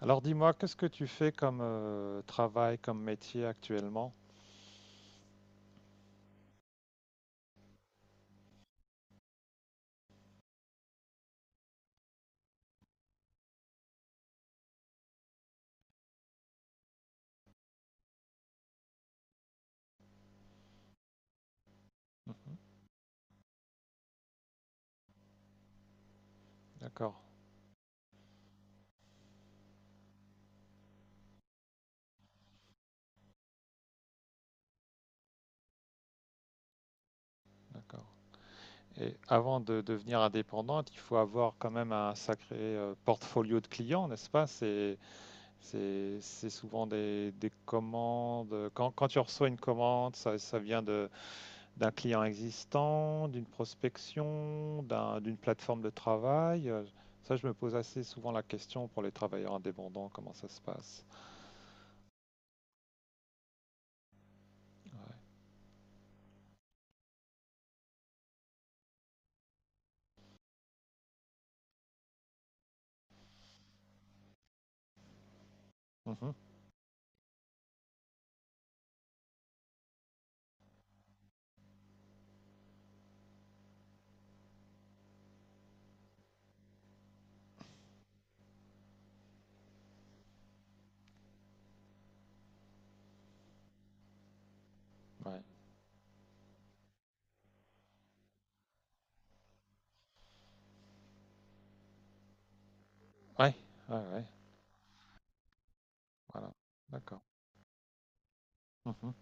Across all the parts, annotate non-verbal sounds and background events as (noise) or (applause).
Alors dis-moi, qu'est-ce que tu fais comme travail, comme métier actuellement? Mhm. D'accord, d'accord. Et avant de devenir indépendante, il faut avoir quand même un sacré portfolio de clients, n'est-ce pas? C'est souvent des commandes. Quand tu reçois une commande, ça vient d'un client existant, d'une prospection, d'une plateforme de travail. Ça, je me pose assez souvent la question pour les travailleurs indépendants, comment ça se passe? Mhm. Ouais. Ouais. Ouais, ouais. Voilà, d'accord. Mhm.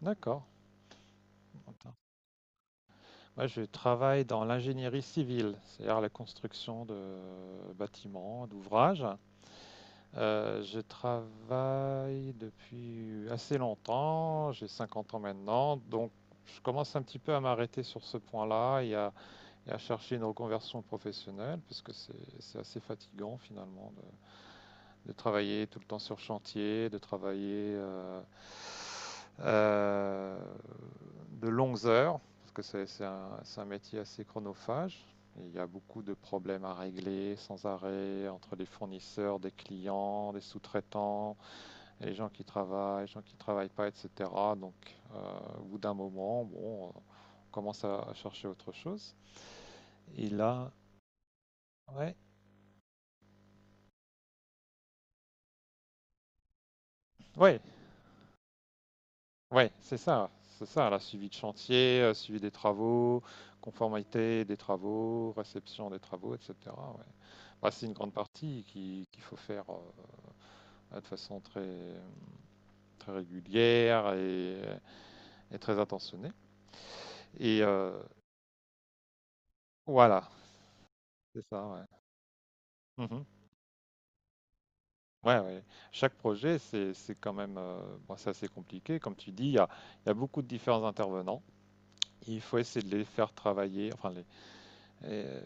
D'accord. Moi, je travaille dans l'ingénierie civile, c'est-à-dire la construction de bâtiments, d'ouvrages. Je travaille depuis assez longtemps, j'ai 50 ans maintenant, donc je commence un petit peu à m'arrêter sur ce point-là et à chercher une reconversion professionnelle, parce que c'est assez fatigant finalement de travailler tout le temps sur chantier, de travailler euh, de longues heures, parce que c'est un métier assez chronophage. Et il y a beaucoup de problèmes à régler sans arrêt entre les fournisseurs, des clients, des sous-traitants, les gens qui travaillent, les gens qui ne travaillent pas, etc. Donc, au bout d'un moment, bon, on commence à chercher autre chose. Et là, ouais, ouais, ouais, c'est ça, la suivi de chantier, suivi des travaux, conformité des travaux, réception des travaux, etc. Ouais. Bah, c'est une grande partie qu'il faut faire de façon très, très régulière et très attentionnée. Et voilà, c'est ça, ouais. Mhm. Ouais, ouais. Chaque projet, c'est quand même bon, c'est assez compliqué. Comme tu dis, il y a beaucoup de différents intervenants. Il faut essayer de les faire travailler, enfin et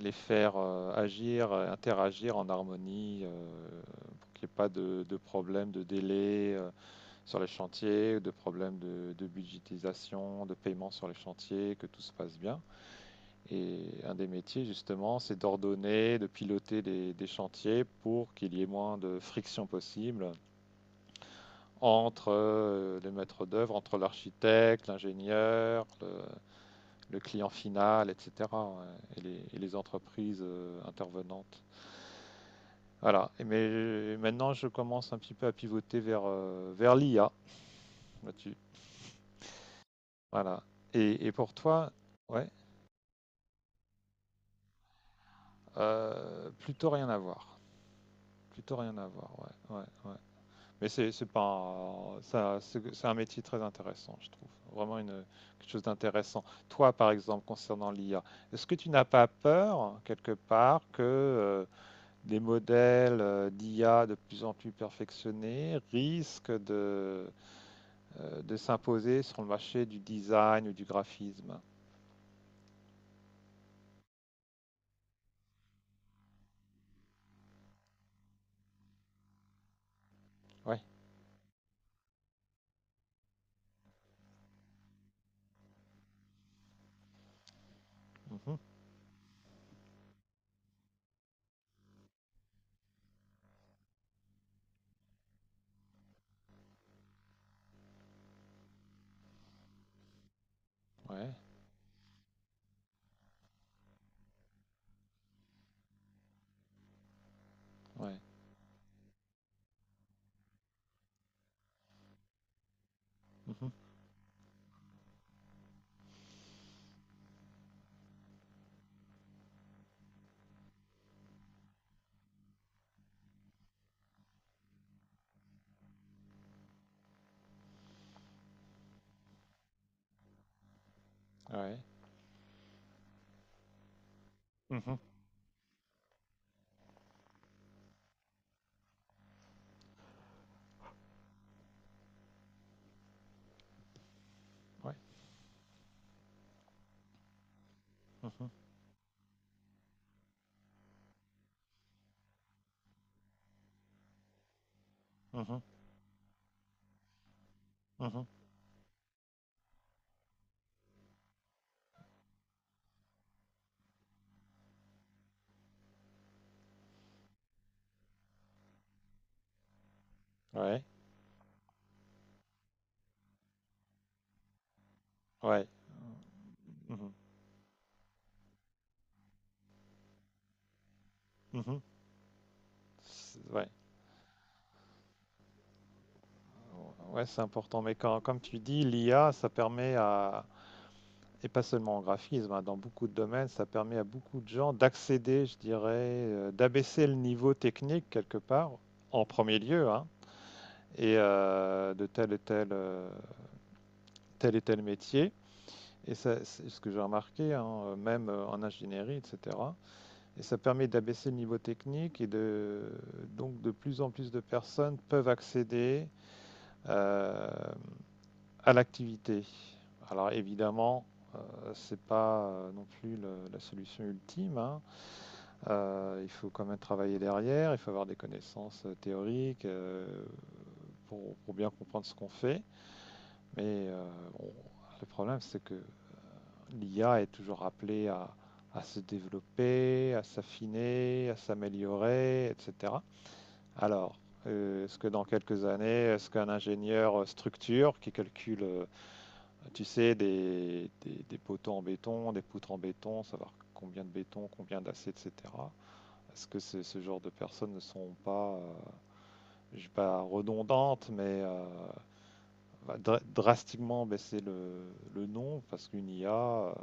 les faire agir, interagir en harmonie, pour qu'il n'y ait pas de problème de délai sur les chantiers, de problème de budgétisation, de paiement sur les chantiers, que tout se passe bien. Et un des métiers, justement, c'est d'ordonner, de piloter des chantiers pour qu'il y ait moins de friction possible entre les maîtres d'œuvre, entre l'architecte, l'ingénieur, le client final, etc. Et les entreprises intervenantes. Voilà. Mais maintenant, je commence un petit peu à pivoter vers l'IA là-dessus. Voilà. Et pour toi, ouais, plutôt rien à voir. Plutôt rien à voir, ouais, ouais, ouais. Mais c'est pas un, ça, c'est un métier très intéressant, je trouve. Vraiment quelque chose d'intéressant. Toi, par exemple, concernant l'IA, est-ce que tu n'as pas peur, quelque part, que les modèles d'IA de plus en plus perfectionnés risquent de s'imposer sur le marché du design ou du graphisme. Ouais. Mhm. Ouais. Ouais. Mhm. Ouais. Mhm. Ouais. Mhm. Mhm. Mhm. Ouais. Ouais. Mhm. Mhm. Ouais, ouais, c'est important. Mais quand, comme tu dis, l'IA, ça permet à, et pas seulement en graphisme, hein, dans beaucoup de domaines, ça permet à beaucoup de gens d'accéder, je dirais, d'abaisser le niveau technique quelque part, en premier lieu, hein, et de tel et tel métier. Et ça, c'est ce que j'ai remarqué, hein, même en ingénierie, etc. Et ça permet d'abaisser le niveau technique, donc de plus en plus de personnes peuvent accéder euh, à l'activité. Alors évidemment, ce n'est pas non plus la solution ultime, hein. Il faut quand même travailler derrière, il faut avoir des connaissances théoriques pour bien comprendre ce qu'on fait. Mais on- le problème, c'est que l'IA est toujours appelée à se développer, à s'affiner, à s'améliorer, etc. Alors, est-ce que dans quelques années, est-ce qu'un ingénieur structure qui calcule, tu sais, des poteaux en béton, des poutres en béton, savoir combien de béton, combien d'acier, etc. Parce que ce genre de personnes ne sont pas, je dis pas redondantes, mais va drastiquement baisser le nom parce qu'une IA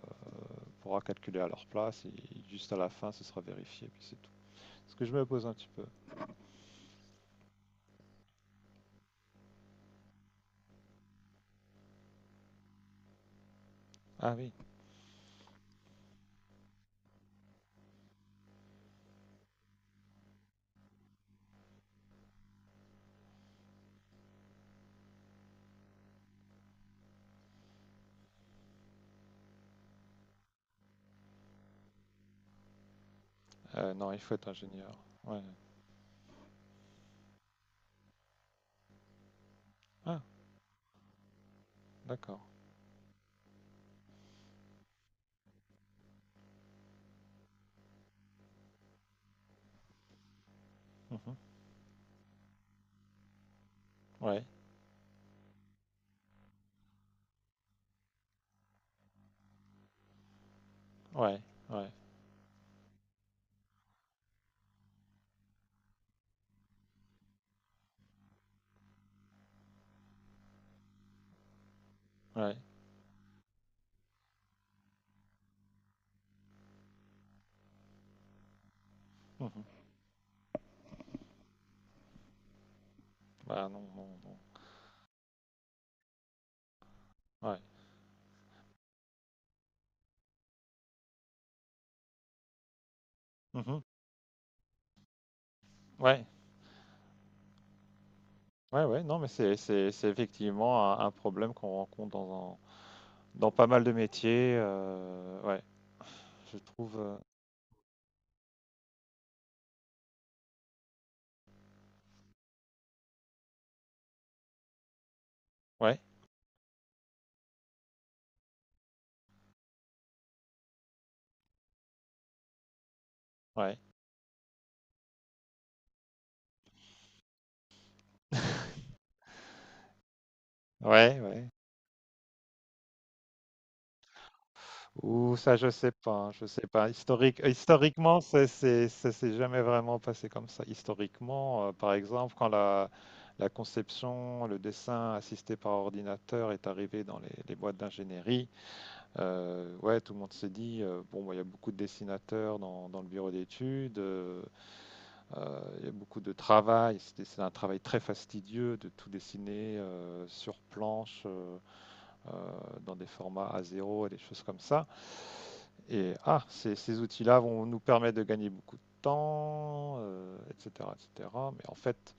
pourra calculer à leur place et juste à la fin ce sera vérifié, puis c'est tout. Est ce que je me pose un petit peu. Ah oui. Non, il faut être ingénieur. Ouais. Ah, d'accord. Mhm. Ouais, ouais, ouais, ouais. Mhm. Bah non, non, non. Ouais. Mhm. Ouais, ouais, ouais, non, mais c'est effectivement un problème qu'on rencontre dans pas mal de métiers. Ouais, je trouve. Ouais, ouais. (laughs) Ouais, ouais. Ou ça, je sais pas, hein. Je sais pas. Historiquement, c'est, ça s'est jamais vraiment passé comme ça. Historiquement, par exemple, quand la conception, le dessin assisté par ordinateur est arrivé dans les boîtes d'ingénierie, ouais, tout le monde s'est dit, bon, bah, il y a beaucoup de dessinateurs dans le bureau d'études. Il y a beaucoup de travail, c'est un travail très fastidieux de tout dessiner sur planche, dans des formats A0 et des choses comme ça. Et ces outils-là vont nous permettre de gagner beaucoup de temps, etc., etc. Mais en fait,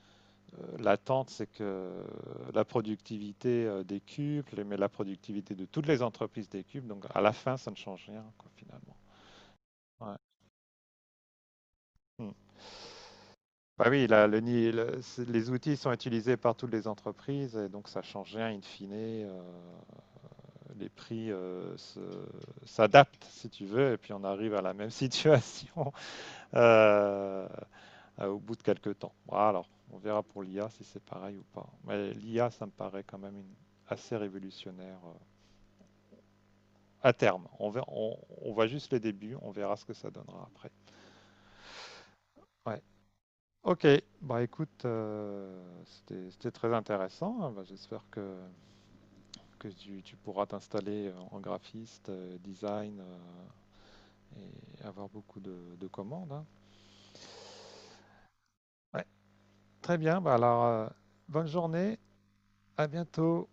l'attente, c'est que la productivité des décuple, mais la productivité de toutes les entreprises décuple. Donc, à la fin, ça ne change rien, quoi, finalement. Ouais. Hmm. Bah oui, là, le ni- le- c'est- les outils sont utilisés par toutes les entreprises et donc ça change rien in fine. Les prix s'adaptent si tu veux et puis on arrive à la même (laughs) situation euh, au bout de quelques temps. Bon, alors, on verra pour l'IA si c'est pareil ou pas. Mais l'IA, ça me paraît quand même assez révolutionnaire à terme. On voit juste le début, on verra ce que ça donnera après. Ouais. OK, bah écoute, c'était très intéressant. Bah, j'espère que tu pourras t'installer en graphiste, design, et avoir beaucoup de commandes. Hein. Ouais, très bien. Bah alors, bonne journée. À bientôt.